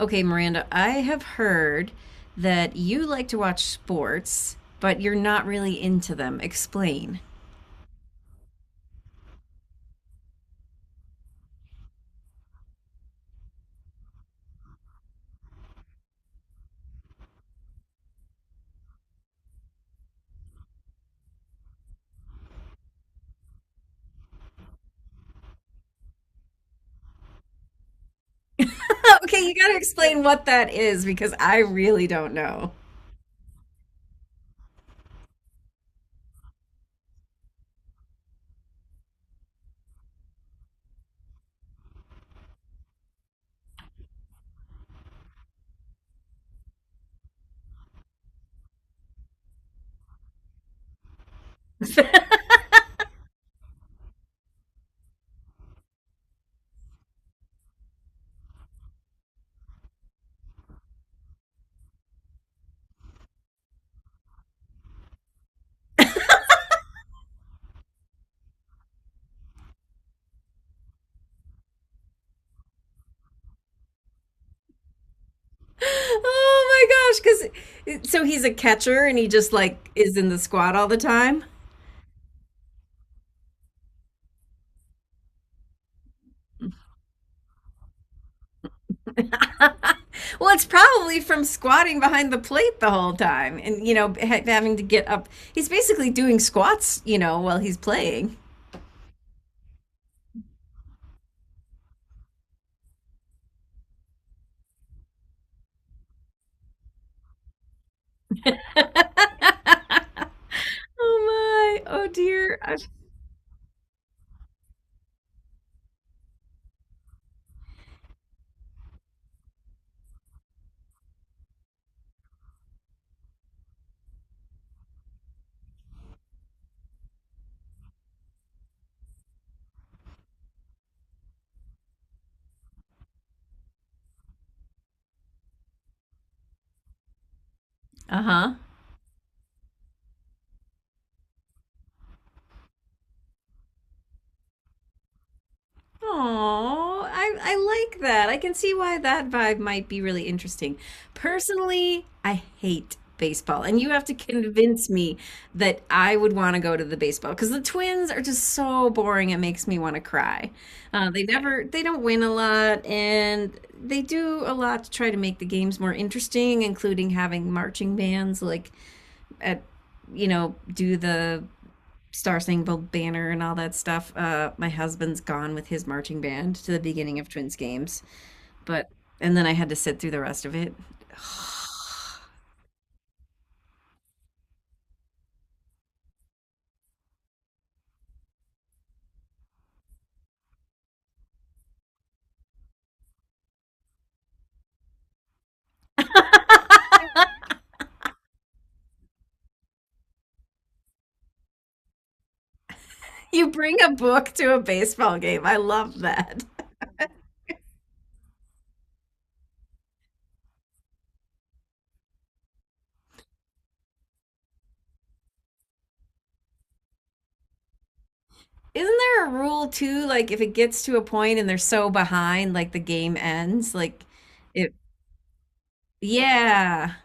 Okay, Miranda, I have heard that you like to watch sports, but you're not really into them. Explain. Okay, you gotta explain what that is because I really don't know. Oh my gosh, because so he's a catcher and he just like is in the squat all the time? Well, it's probably from squatting behind the plate the whole time and, you know, ha having to get up. He's basically doing squats, you know, while he's playing. Oh my, oh dear. Uh huh. Oh, I like that. I can see why that vibe might be really interesting. Personally, I hate baseball, and you have to convince me that I would want to go to the baseball because the Twins are just so boring. It makes me want to cry. They don't win a lot, and they do a lot to try to make the games more interesting, including having marching bands like at you know do the Star Spangled Banner and all that stuff. My husband's gone with his marching band to the beginning of Twins games, but and then I had to sit through the rest of it. You bring a book to a baseball game. I love that. Isn't there a rule too? Like if it gets to a point and they're so behind, like the game ends. Like it. Yeah.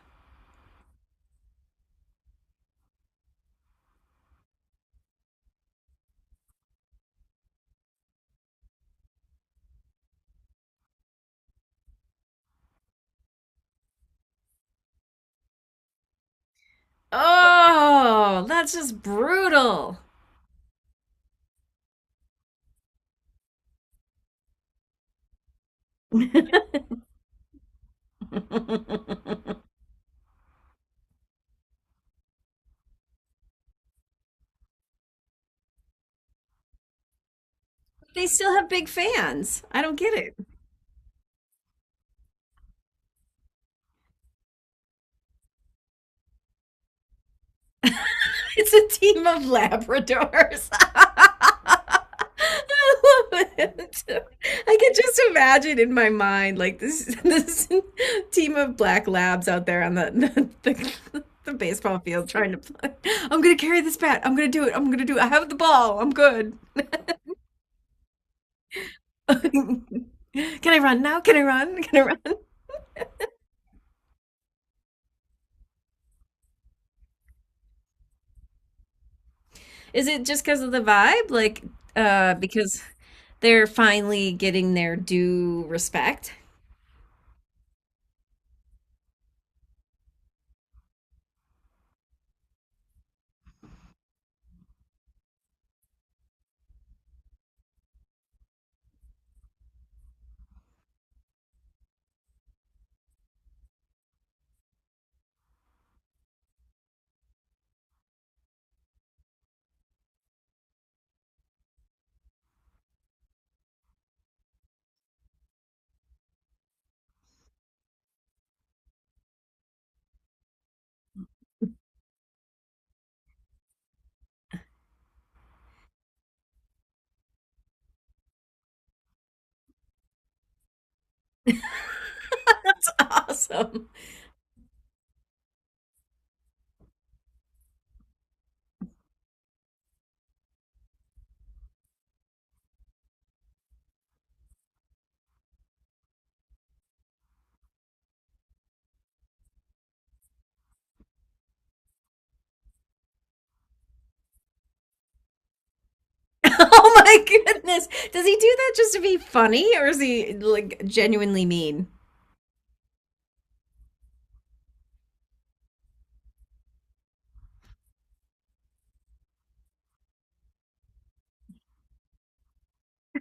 Oh, that's just brutal. They still have big fans. I don't get it. It's a team of Labradors. I love it. I can just imagine in my mind like this this team of black labs out there on the the baseball field trying to play. I'm gonna carry this bat. I'm gonna do it. I'm gonna do it. I have the ball. I'm good. Can I run now? Can I run? Can I run? Is it just because of the vibe? Like, because they're finally getting their due respect? That's awesome. Oh my goodness. Does he do that just to be funny or is he like genuinely mean?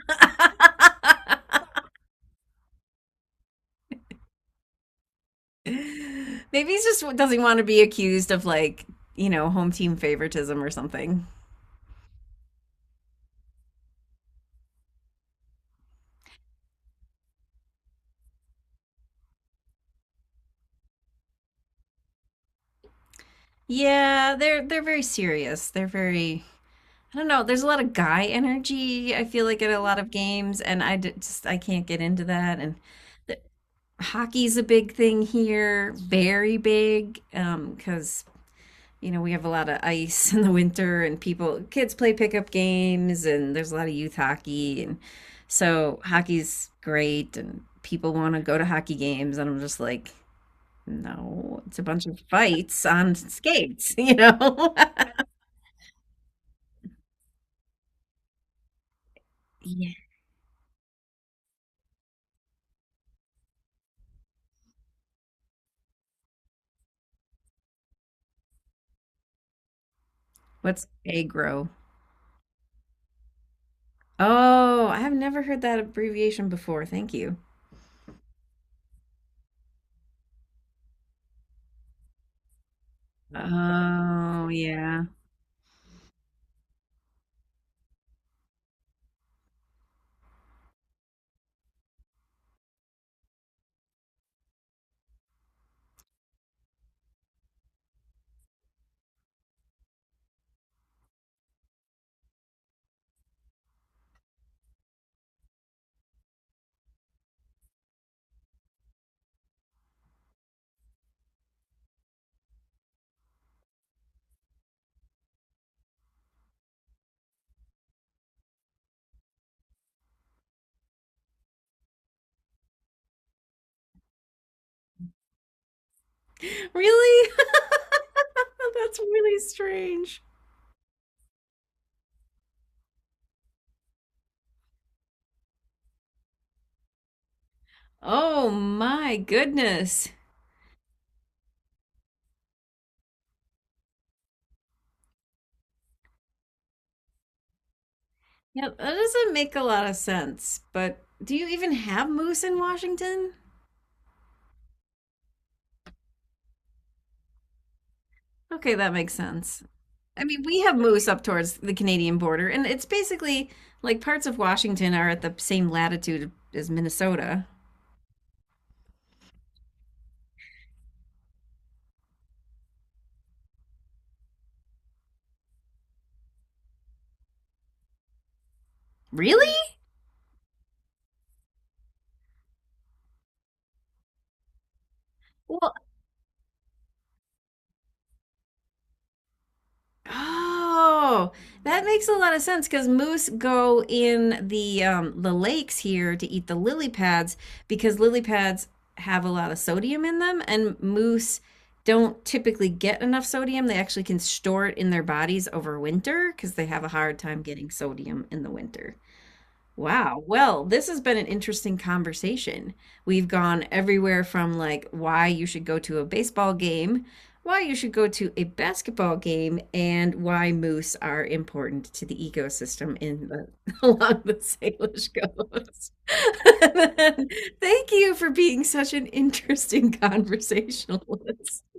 Maybe he's just doesn't want to be accused of like, you know, home team favoritism or something. Yeah, they're very serious. They're very I don't know. There's a lot of guy energy. I feel like in a lot of games, and just I can't get into that. And the, hockey's a big thing here, very big, because you know, we have a lot of ice in the winter and people, kids play pickup games and there's a lot of youth hockey. And so hockey's great and people want to go to hockey games. And I'm just like, no, it's a bunch of fights on skates, you know? Yeah. What's aggro? Oh, I've never heard that abbreviation before. Thank you. Oh, yeah. Really? That's really strange. Oh my goodness. Yeah, that doesn't make a lot of sense. But do you even have moose in Washington? Okay, that makes sense. I mean, we have moose up towards the Canadian border, and it's basically like parts of Washington are at the same latitude as Minnesota. Really? Well, oh, that makes a lot of sense because moose go in the lakes here to eat the lily pads because lily pads have a lot of sodium in them, and moose don't typically get enough sodium. They actually can store it in their bodies over winter because they have a hard time getting sodium in the winter. Wow. Well, this has been an interesting conversation. We've gone everywhere from like why you should go to a baseball game, why you should go to a basketball game, and why moose are important to the ecosystem in the along the Salish Coast. Thank you for being such an interesting conversationalist.